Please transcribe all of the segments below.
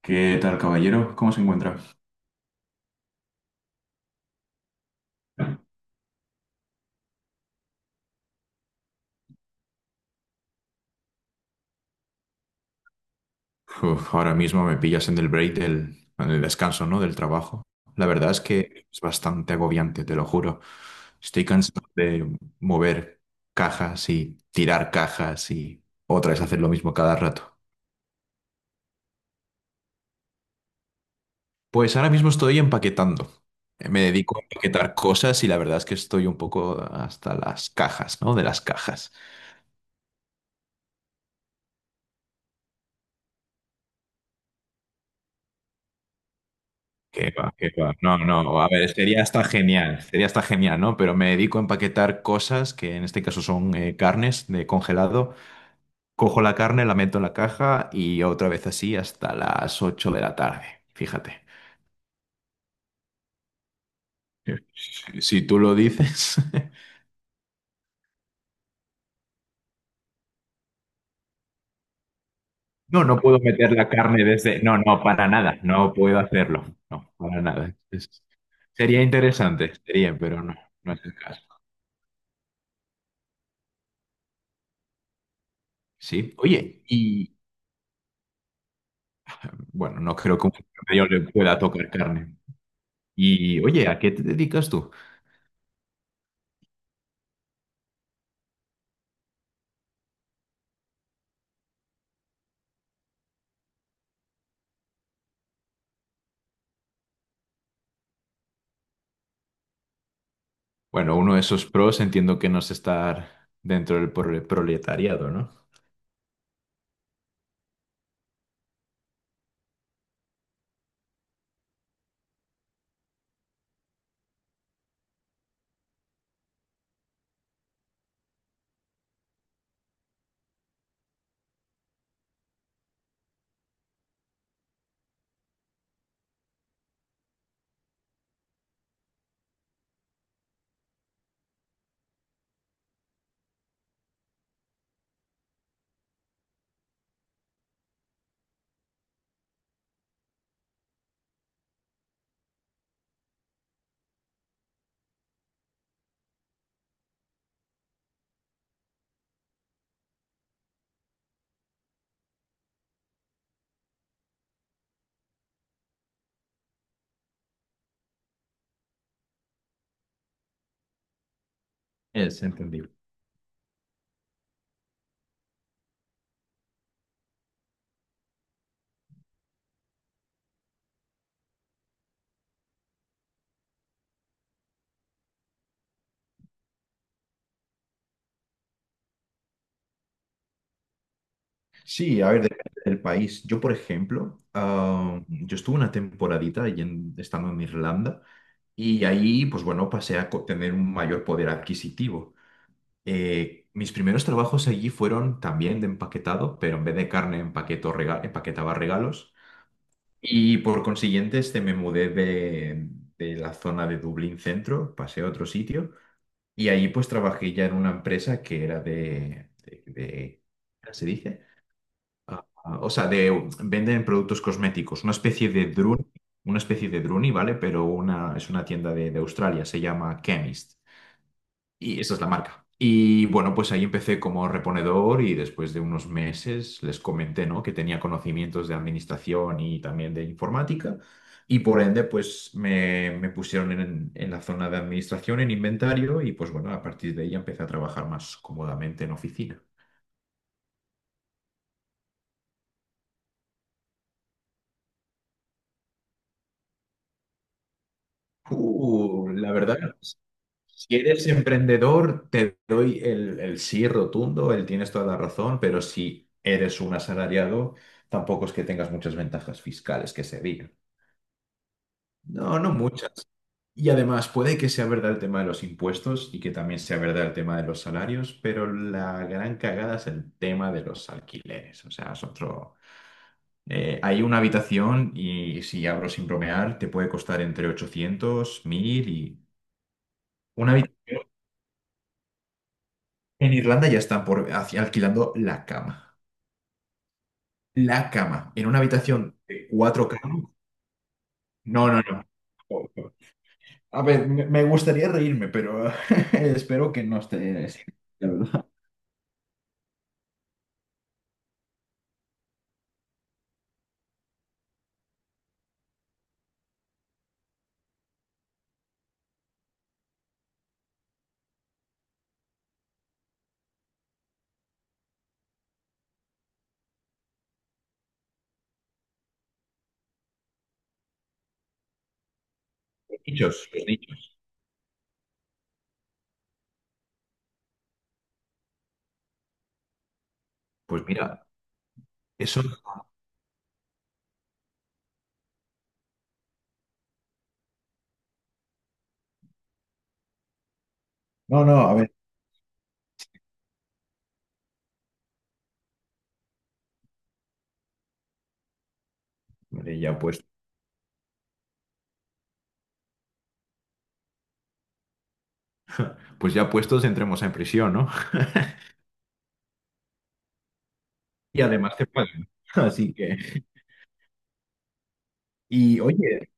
¿Qué tal, caballero? ¿Cómo se encuentra? Uf, ahora mismo me pillas en el break en el descanso, ¿no? Del trabajo. La verdad es que es bastante agobiante, te lo juro. Estoy cansado de mover cajas y tirar cajas y otra vez hacer lo mismo cada rato. Pues ahora mismo estoy empaquetando. Me dedico a empaquetar cosas y la verdad es que estoy un poco hasta las cajas, ¿no? De las cajas. Qué va, qué va. No, no, a ver, sería hasta genial, ¿no? Pero me dedico a empaquetar cosas que en este caso son carnes de congelado. Cojo la carne, la meto en la caja y otra vez así hasta las 8 de la tarde. Fíjate. Si tú lo dices. No, no puedo meter la carne desde. No, no, para nada. No puedo hacerlo. No, para nada. Sería interesante, pero no, no es el caso. Sí. Oye, y bueno, no creo que un mayor le pueda tocar carne. Y oye, ¿a qué te dedicas tú? Bueno, uno de esos pros entiendo que no es estar dentro del proletariado, ¿no? Es entendible. Sí, a ver, depende del país. Yo, por ejemplo, yo estuve una temporadita ahí estando en Irlanda y ahí, pues bueno, pasé a tener un mayor poder adquisitivo. Mis primeros trabajos allí fueron también de empaquetado, pero en vez de carne empaquetaba regalos. Y por consiguiente, me mudé de la zona de Dublín Centro, pasé a otro sitio y ahí pues trabajé ya en una empresa que era de ¿cómo se dice? Ah, ah, o sea, venden productos cosméticos, una especie de Druni, una especie de Druni, ¿vale? Pero es una tienda de Australia, se llama Chemist. Y esa es la marca. Y bueno, pues ahí empecé como reponedor y después de unos meses les comenté, ¿no? que tenía conocimientos de administración y también de informática. Y por ende, pues me pusieron en la zona de administración, en inventario, y pues bueno, a partir de ahí empecé a trabajar más cómodamente en oficina. La verdad. Si eres emprendedor, te doy el sí rotundo, el tienes toda la razón, pero si eres un asalariado, tampoco es que tengas muchas ventajas fiscales que se digan. No, no muchas. Y además, puede que sea verdad el tema de los impuestos y que también sea verdad el tema de los salarios, pero la gran cagada es el tema de los alquileres. O sea, es otro... hay una habitación y si abro sin bromear, te puede costar entre 800, 1000 y... Una En Irlanda ya están alquilando la cama. La cama. En una habitación de cuatro camas. No, no, no. A ver, me gustaría reírme, pero espero que no esté así, la verdad. Los nichos, los nichos. Pues mira, eso. No, no, a ver. Vale, ya puestos. Pues ya puestos, entremos en prisión, ¿no? Y además te pagan. Así que. Y oye.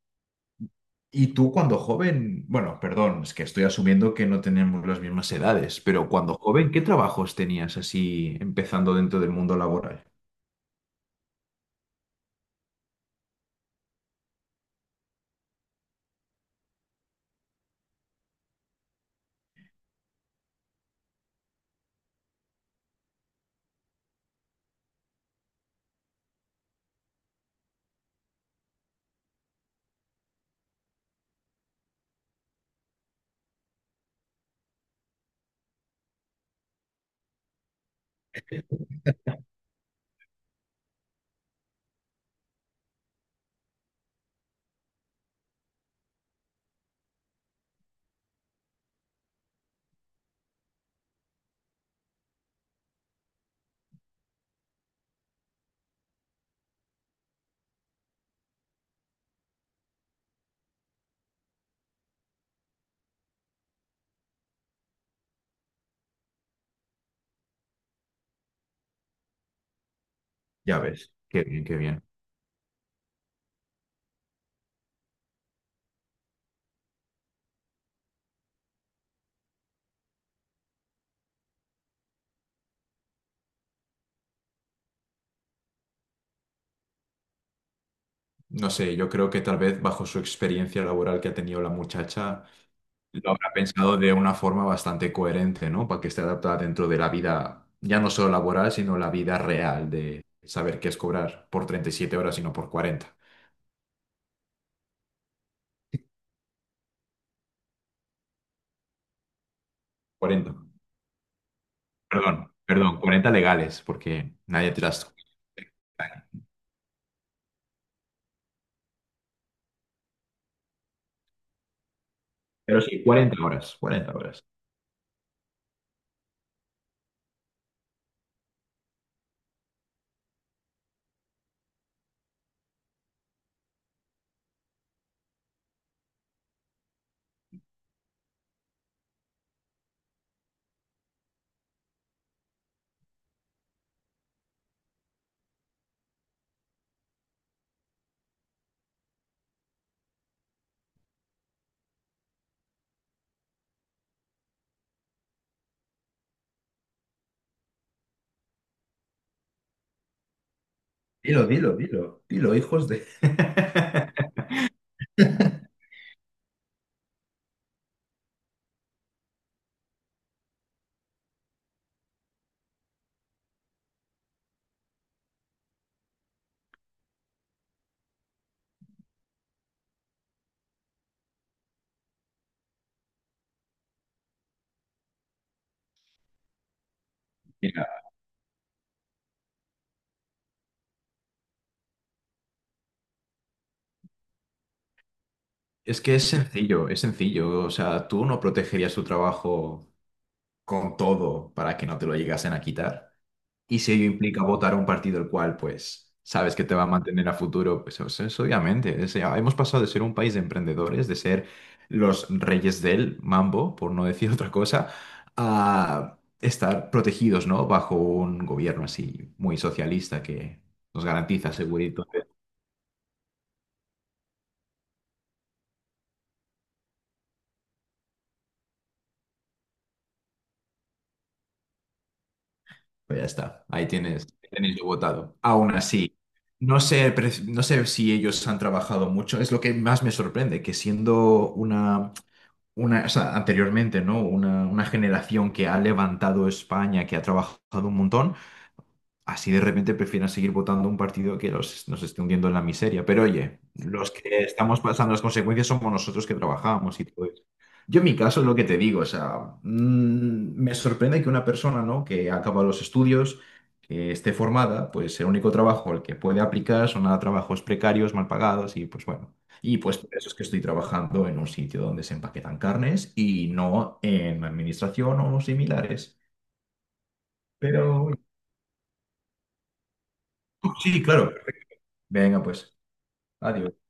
Y tú cuando joven, bueno, perdón, es que estoy asumiendo que no tenemos las mismas edades, pero cuando joven, ¿qué trabajos tenías así empezando dentro del mundo laboral? Ya ves, qué bien, qué bien. No sé, yo creo que tal vez bajo su experiencia laboral que ha tenido la muchacha, lo habrá pensado de una forma bastante coherente, ¿no? Para que esté adaptada dentro de la vida, ya no solo laboral, sino la vida real de saber qué es cobrar por 37 horas y no por 40, 40. Perdón, perdón, 40 legales, porque nadie te las... Pero sí, 40 horas, 40 horas. Dilo, dilo, dilo, dilo, hijos de... Mira, es que es sencillo, es sencillo. O sea, tú no protegerías tu trabajo con todo para que no te lo llegasen a quitar. Y si ello implica votar a un partido el cual, pues, sabes que te va a mantener a futuro, pues o sea, es obviamente. Ya hemos pasado de ser un país de emprendedores, de ser los reyes del mambo, por no decir otra cosa, a estar protegidos, ¿no? Bajo un gobierno así muy socialista que nos garantiza seguridad. Pues ya está, ahí tienes, ahí tenéis lo votado. Aún así. No sé, no sé si ellos han trabajado mucho. Es lo que más me sorprende, que siendo una, o sea, anteriormente, ¿no? Una generación que ha levantado España, que ha trabajado un montón. Así de repente prefieren seguir votando un partido que nos esté hundiendo en la miseria. Pero oye, los que estamos pasando las consecuencias somos nosotros que trabajamos y todo eso. Yo en mi caso es lo que te digo, o sea, me sorprende que una persona, ¿no? que ha acabado los estudios, que esté formada, pues el único trabajo al que puede aplicar son a trabajos precarios, mal pagados y pues bueno. Y pues por eso es que estoy trabajando en un sitio donde se empaquetan carnes y no en administración o similares. Pero sí, claro. Venga, pues. Adiós.